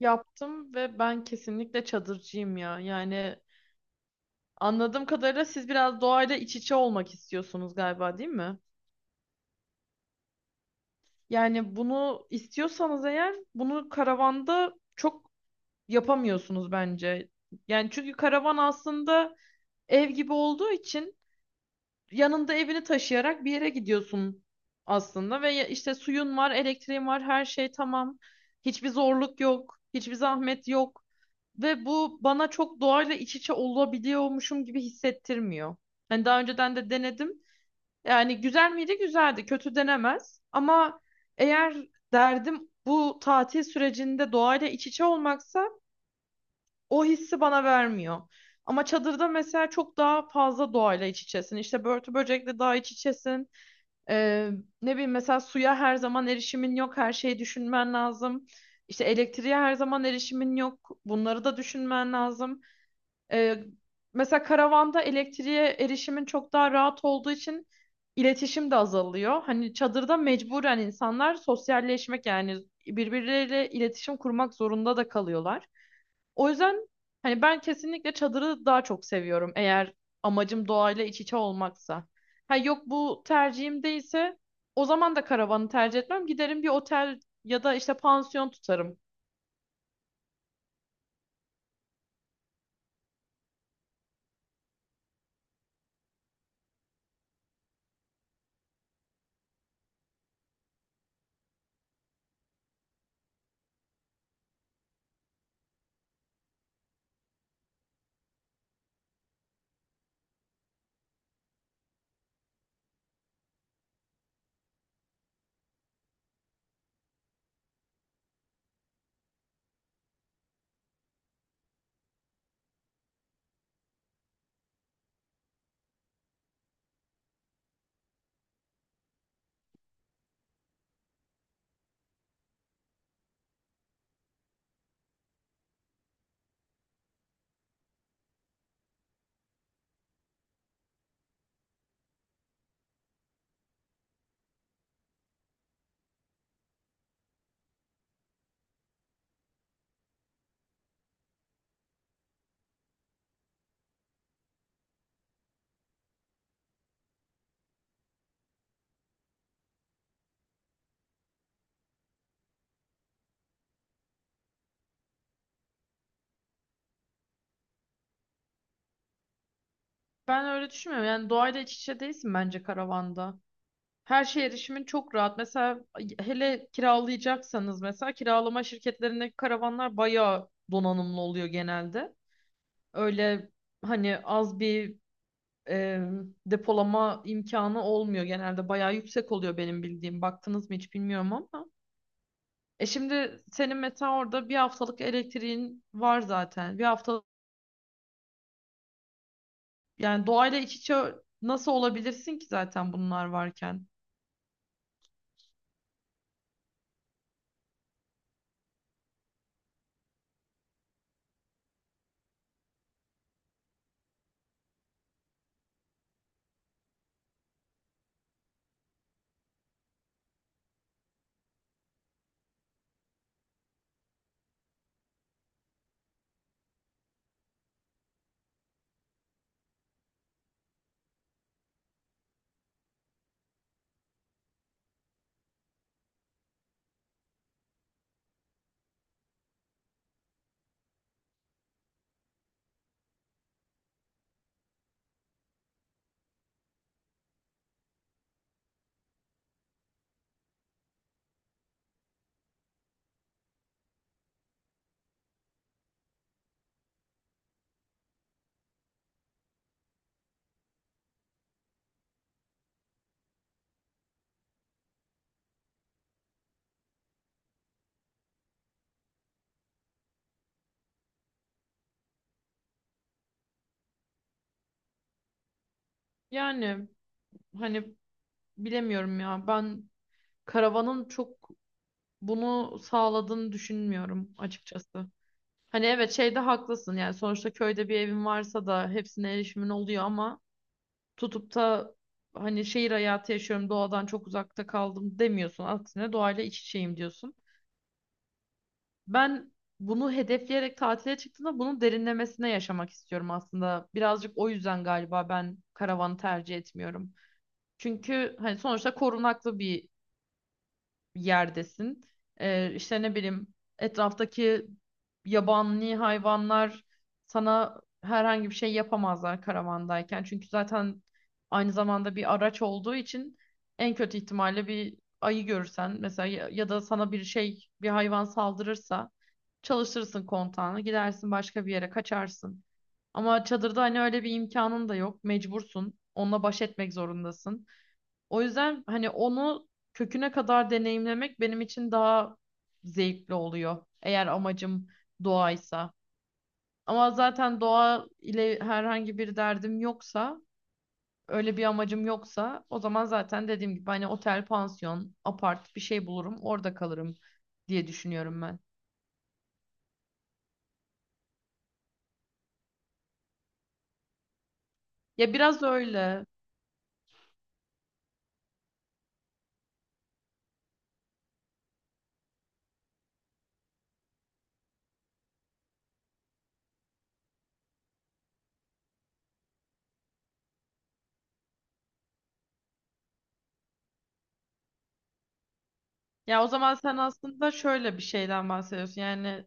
Yaptım ve ben kesinlikle çadırcıyım ya. Yani anladığım kadarıyla siz biraz doğayla iç içe olmak istiyorsunuz galiba, değil mi? Yani bunu istiyorsanız eğer bunu karavanda çok yapamıyorsunuz bence. Yani çünkü karavan aslında ev gibi olduğu için yanında evini taşıyarak bir yere gidiyorsun aslında ve işte suyun var, elektriğin var, her şey tamam. Hiçbir zorluk yok, hiçbir zahmet yok ve bu bana çok doğayla iç içe olabiliyormuşum gibi hissettirmiyor. Hani daha önceden de denedim. Yani güzel miydi? Güzeldi. Kötü denemez. Ama eğer derdim bu tatil sürecinde doğayla iç içe olmaksa o hissi bana vermiyor. Ama çadırda mesela çok daha fazla doğayla iç içesin. İşte börtü böcekle daha iç içesin. Ee, ne bileyim mesela suya her zaman erişimin yok. Her şeyi düşünmen lazım. İşte elektriğe her zaman erişimin yok. Bunları da düşünmen lazım. Ee, mesela karavanda elektriğe erişimin çok daha rahat olduğu için iletişim de azalıyor. Hani çadırda mecburen insanlar sosyalleşmek yani birbirleriyle iletişim kurmak zorunda da kalıyorlar. O yüzden hani ben kesinlikle çadırı daha çok seviyorum eğer amacım doğayla iç içe olmaksa. Ha yok, bu tercihim değilse o zaman da karavanı tercih etmem. Giderim bir otel ya da işte pansiyon tutarım. Ben öyle düşünmüyorum. Yani doğayla iç içe değilsin bence karavanda. Her şeye erişimin çok rahat. Mesela hele kiralayacaksanız mesela kiralama şirketlerindeki karavanlar bayağı donanımlı oluyor genelde. Öyle hani az bir e, depolama imkanı olmuyor. Genelde bayağı yüksek oluyor benim bildiğim. Baktınız mı hiç bilmiyorum ama. E şimdi senin mesela orada bir haftalık elektriğin var zaten. Bir haftalık yani doğayla iç içe nasıl olabilirsin ki zaten bunlar varken? Yani hani bilemiyorum ya. Ben karavanın çok bunu sağladığını düşünmüyorum açıkçası. Hani evet şeyde haklısın yani sonuçta köyde bir evin varsa da hepsine erişimin oluyor ama tutup da hani şehir hayatı yaşıyorum, doğadan çok uzakta kaldım demiyorsun. Aksine doğayla iç içeyim diyorsun. Ben bunu hedefleyerek tatile çıktığımda bunun derinlemesine yaşamak istiyorum aslında. Birazcık o yüzden galiba ben karavanı tercih etmiyorum. Çünkü hani sonuçta korunaklı bir yerdesin. İşte ne bileyim etraftaki yabani hayvanlar sana herhangi bir şey yapamazlar karavandayken. Çünkü zaten aynı zamanda bir araç olduğu için en kötü ihtimalle bir ayı görürsen mesela ya, ya da sana bir şey bir hayvan saldırırsa çalıştırırsın kontağını, gidersin başka bir yere, kaçarsın. Ama çadırda hani öyle bir imkanın da yok, mecbursun onunla baş etmek zorundasın. O yüzden hani onu köküne kadar deneyimlemek benim için daha zevkli oluyor. Eğer amacım doğaysa. Ama zaten doğa ile herhangi bir derdim yoksa, öyle bir amacım yoksa o zaman zaten dediğim gibi hani otel, pansiyon, apart bir şey bulurum, orada kalırım diye düşünüyorum ben. Ya biraz öyle. Ya o zaman sen aslında şöyle bir şeyden bahsediyorsun. Yani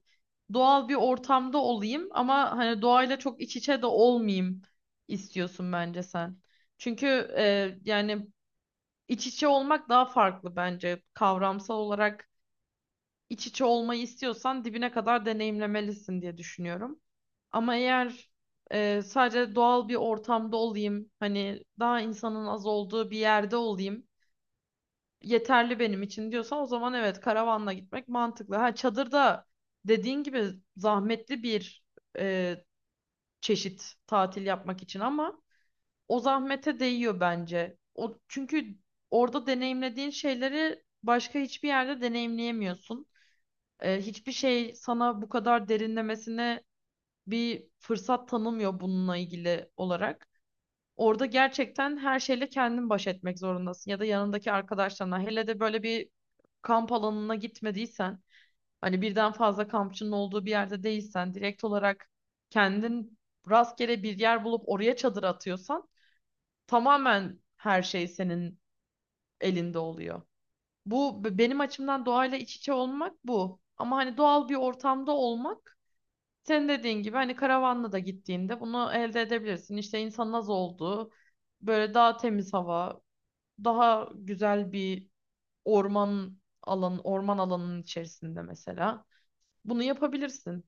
doğal bir ortamda olayım ama hani doğayla çok iç içe de olmayayım istiyorsun bence sen. Çünkü yani iç içe olmak daha farklı bence. Kavramsal olarak iç içe olmayı istiyorsan dibine kadar deneyimlemelisin diye düşünüyorum. Ama eğer sadece doğal bir ortamda olayım, hani daha insanın az olduğu bir yerde olayım yeterli benim için diyorsan o zaman evet, karavanla gitmek mantıklı. Ha çadırda dediğin gibi zahmetli bir e, çeşit tatil yapmak için ama o zahmete değiyor bence. O çünkü orada deneyimlediğin şeyleri başka hiçbir yerde deneyimleyemiyorsun. Hiçbir şey sana bu kadar derinlemesine bir fırsat tanımıyor bununla ilgili olarak. Orada gerçekten her şeyle kendin baş etmek zorundasın ya da yanındaki arkadaşlarına. Hele de böyle bir kamp alanına gitmediysen, hani birden fazla kampçının olduğu bir yerde değilsen, direkt olarak kendin rastgele bir yer bulup oraya çadır atıyorsan tamamen her şey senin elinde oluyor. Benim açımdan doğayla iç içe olmak bu. Ama hani doğal bir ortamda olmak senin dediğin gibi hani karavanla da gittiğinde bunu elde edebilirsin. İşte insanın az olduğu böyle daha temiz hava, daha güzel bir orman alanının içerisinde mesela. Bunu yapabilirsin.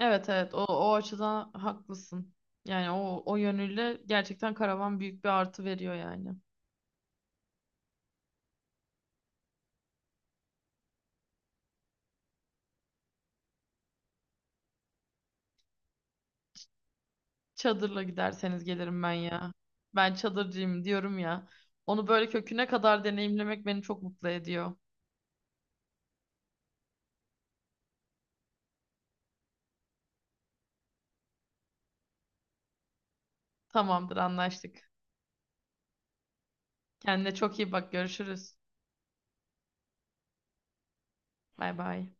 Evet evet, o açıdan haklısın. Yani o yönüyle gerçekten karavan büyük bir artı veriyor yani. Çadırla giderseniz gelirim ben ya. Ben çadırcıyım diyorum ya. Onu böyle köküne kadar deneyimlemek beni çok mutlu ediyor. Tamamdır, anlaştık. Kendine çok iyi bak, görüşürüz. Bay bay.